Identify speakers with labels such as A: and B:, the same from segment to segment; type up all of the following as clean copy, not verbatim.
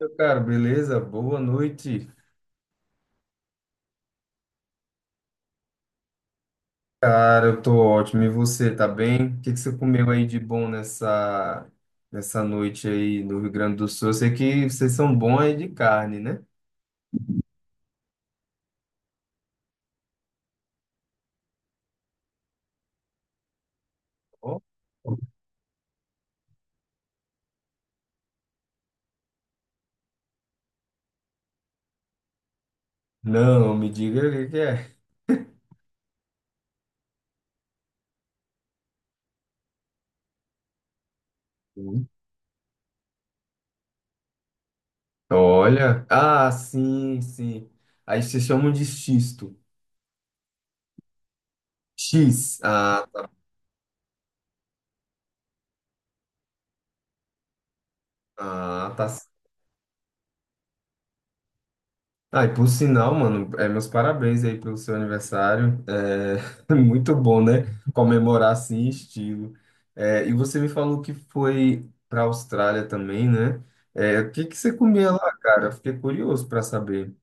A: Meu caro, beleza? Boa noite. Cara, eu tô ótimo. E você, tá bem? O que que você comeu aí de bom nessa noite aí no Rio Grande do Sul? Eu sei que vocês são bons aí de carne, né? Ó. Não, me diga o que que é. Ui. Olha. Ah, sim, sim. Aí vocês chamam de xisto. X. Ah, tá. Ah, tá. Ah, e por sinal, mano, meus parabéns aí pelo seu aniversário. É muito bom, né? Comemorar assim em estilo. É, e você me falou que foi para a Austrália também, né? É, o que que você comia lá, cara? Eu fiquei curioso para saber.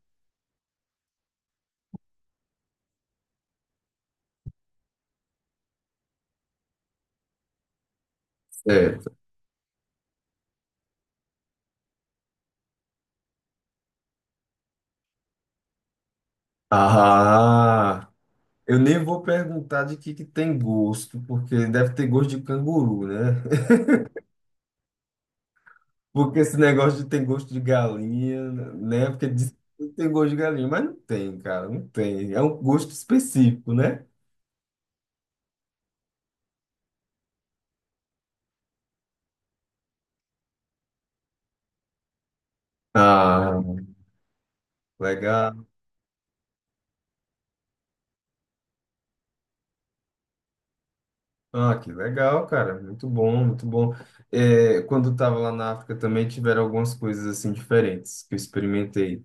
A: Certo. Ah, eu nem vou perguntar de que tem gosto, porque deve ter gosto de canguru, né? Porque esse negócio de tem gosto de galinha, né? Porque diz que tem gosto de galinha, mas não tem, cara, não tem. É um gosto específico, né? Ah, legal. Ah, que legal, cara. Muito bom, muito bom. É, quando eu tava lá na África também tiveram algumas coisas assim diferentes que eu experimentei.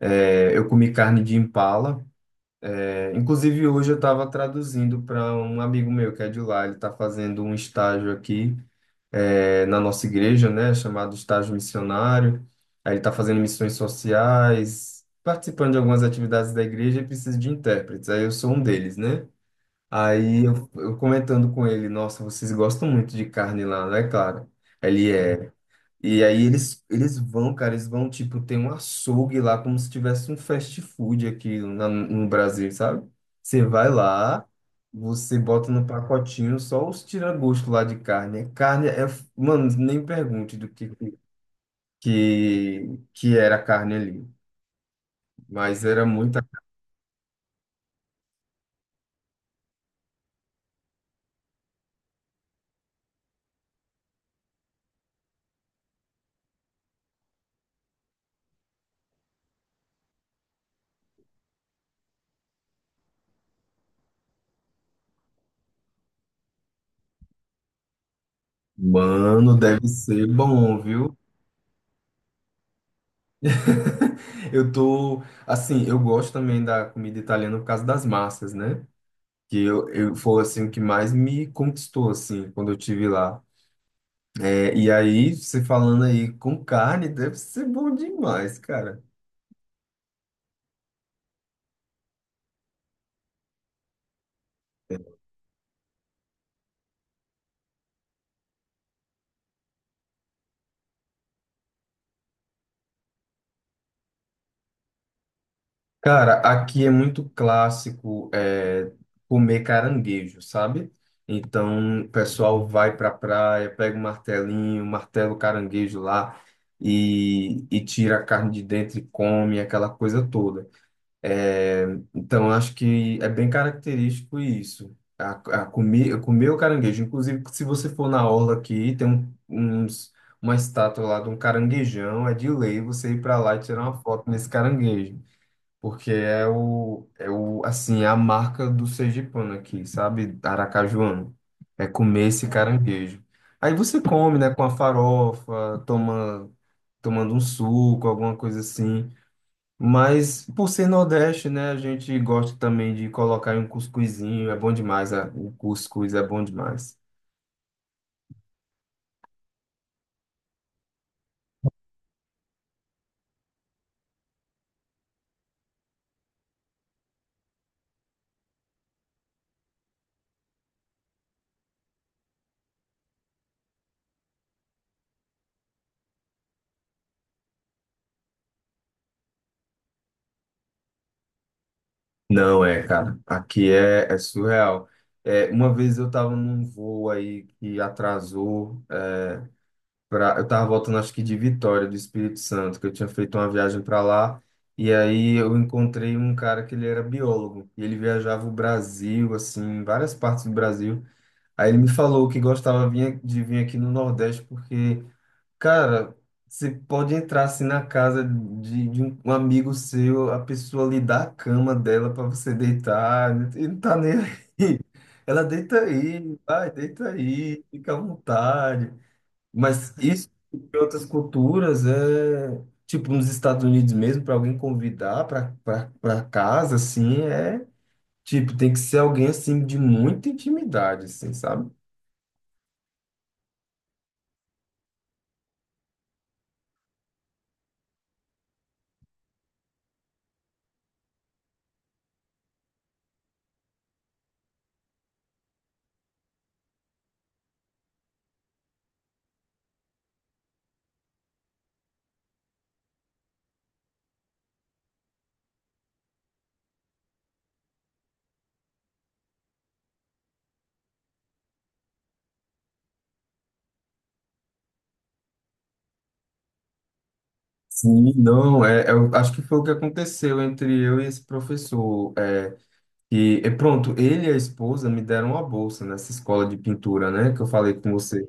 A: É, eu comi carne de impala. É, inclusive hoje eu estava traduzindo para um amigo meu que é de lá. Ele está fazendo um estágio aqui. Na nossa igreja, né, chamado estágio missionário. Aí ele está fazendo missões sociais, participando de algumas atividades da igreja e precisa de intérpretes. Aí eu sou um deles, né? Aí eu comentando com ele, nossa, vocês gostam muito de carne lá, né, cara? Ele é. E aí eles vão, cara, eles vão, tipo, ter um açougue lá, como se tivesse um fast food aqui na- no Brasil, sabe? Você vai lá, você bota no pacotinho só os tira-gosto lá de carne. É. Carne é, mano, nem pergunte do que, que era a carne ali. Mas era muita. Mano, deve ser bom, viu? Eu tô, assim, eu gosto também da comida italiana por causa das massas, né? Que eu foi assim o que mais me conquistou assim quando eu tive lá. É, e aí você falando aí com carne deve ser bom demais, cara. Cara, aqui é muito clássico é, comer caranguejo, sabe? Então, o pessoal vai pra praia, pega um martelinho, martela o caranguejo lá e tira a carne de dentro e come, aquela coisa toda. É, então, acho que é bem característico isso. A comer, comer o caranguejo. Inclusive, se você for na orla aqui, uns, uma estátua lá de um caranguejão. É de lei você ir para lá e tirar uma foto nesse caranguejo. Porque assim, é a marca do sergipano aqui, sabe? Aracajuano. É comer esse caranguejo. Aí você come, né, com a farofa, tomando um suco, alguma coisa assim. Mas por ser Nordeste, né, a gente gosta também de colocar em um cuscuzinho, é bom demais, a- o cuscuz é bom demais. Não é, cara, aqui é, é surreal. É, uma vez eu tava num voo aí que atrasou, eu tava voltando acho que de Vitória, do Espírito Santo, que eu tinha feito uma viagem para lá, e aí eu encontrei um cara que ele era biólogo, e ele viajava o Brasil, assim, várias partes do Brasil. Aí ele me falou que de vir aqui no Nordeste porque cara, você pode entrar assim na casa de um amigo seu, a pessoa lhe dá a cama dela para você deitar, e não tá nem aí. Ela deita aí, vai, deita aí, fica à vontade. Mas isso em outras culturas é, tipo nos Estados Unidos mesmo, para alguém convidar para casa, assim, é, tipo, tem que ser alguém assim de muita intimidade, assim, sabe? Sim, não, é, eu acho que foi o que aconteceu entre eu e esse professor. É, e pronto, ele e a esposa me deram uma bolsa nessa escola de pintura, né? Que eu falei com você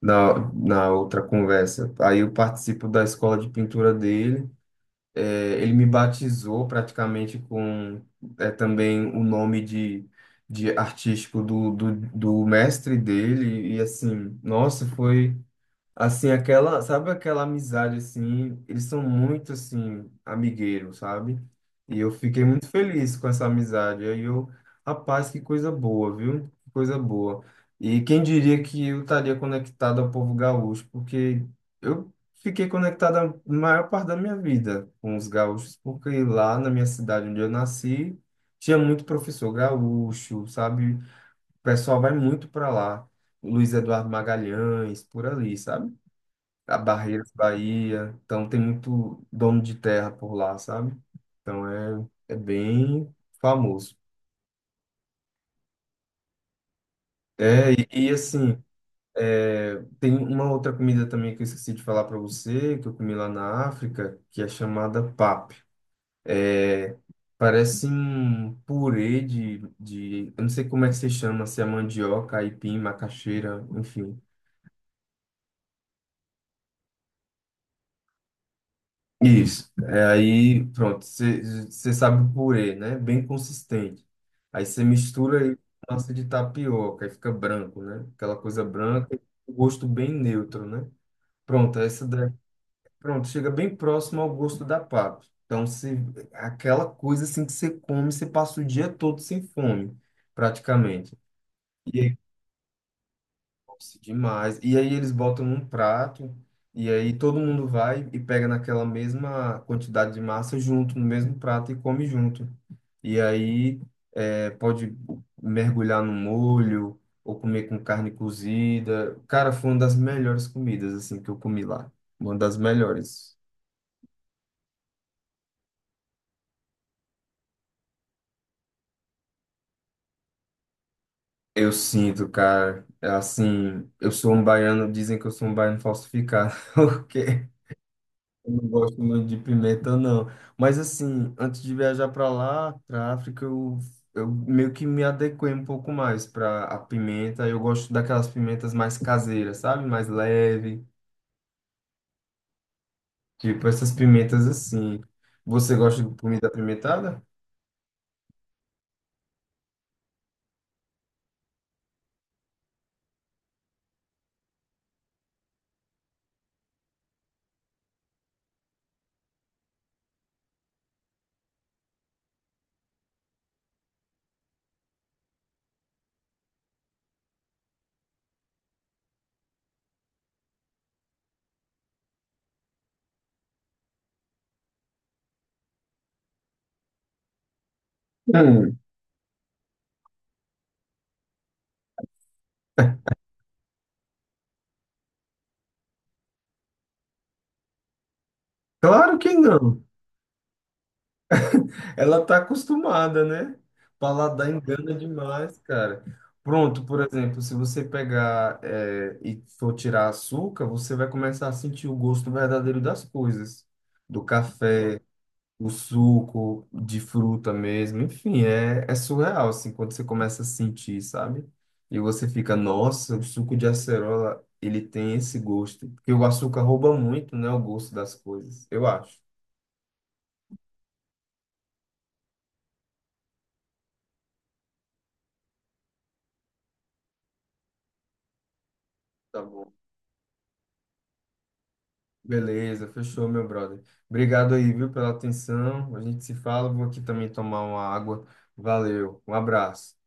A: na outra conversa. Aí eu participo da escola de pintura dele. É, ele me batizou praticamente com é, também o nome de artístico do mestre dele. E assim, nossa, foi. Assim, aquela, sabe aquela amizade assim, eles são muito assim amigueiros, sabe? E eu fiquei muito feliz com essa amizade. Aí eu, rapaz, que coisa boa, viu? Que coisa boa. E quem diria que eu estaria conectado ao povo gaúcho, porque eu fiquei conectado a maior parte da minha vida com os gaúchos, porque lá na minha cidade onde eu nasci, tinha muito professor gaúcho, sabe? O pessoal vai muito para lá. Luiz Eduardo Magalhães, por ali, sabe? A Barreiras, Bahia. Então tem muito dono de terra por lá, sabe? Então é, é bem famoso. É, assim, é, tem uma outra comida também que eu esqueci de falar para você, que eu comi lá na África, que é chamada pap. É, parece um purê de eu não sei como é que se chama, se é mandioca, aipim, macaxeira, enfim. Isso. É, aí, pronto, você sabe o purê, né? Bem consistente. Aí você mistura aí com massa de tapioca, aí fica branco, né? Aquela coisa branca, o gosto bem neutro, né? Pronto, essa daí, pronto, chega bem próximo ao gosto da papa. Então, se aquela coisa assim que você come, você passa o dia todo sem fome, praticamente. Nossa, demais. E aí eles botam num prato, e aí todo mundo vai e pega naquela mesma quantidade de massa junto, no mesmo prato e come junto. E aí é, pode mergulhar no molho, ou comer com carne cozida. Cara, foi uma das melhores comidas, assim, que eu comi lá. Uma das melhores. Eu sinto, cara, é assim, eu sou um baiano, dizem que eu sou um baiano falsificado, porque eu não gosto muito de pimenta, não. Mas assim, antes de viajar para lá, para África, eu meio que me adequei um pouco mais para a pimenta. Eu gosto daquelas pimentas mais caseiras, sabe? Mais leve, tipo essas pimentas assim. Você gosta de comida apimentada? Hum, claro que não. Ela tá acostumada, né? Paladar engana demais, cara. Pronto, por exemplo, se você pegar e for tirar açúcar, você vai começar a sentir o gosto verdadeiro das coisas, do café, o suco, de fruta mesmo, enfim, é, é surreal, assim, quando você começa a sentir, sabe? E você fica, nossa, o suco de acerola, ele tem esse gosto, porque o açúcar rouba muito, né, o gosto das coisas, eu acho. Tá bom. Beleza, fechou, meu brother. Obrigado aí, viu, pela atenção. A gente se fala. Vou aqui também tomar uma água. Valeu, um abraço.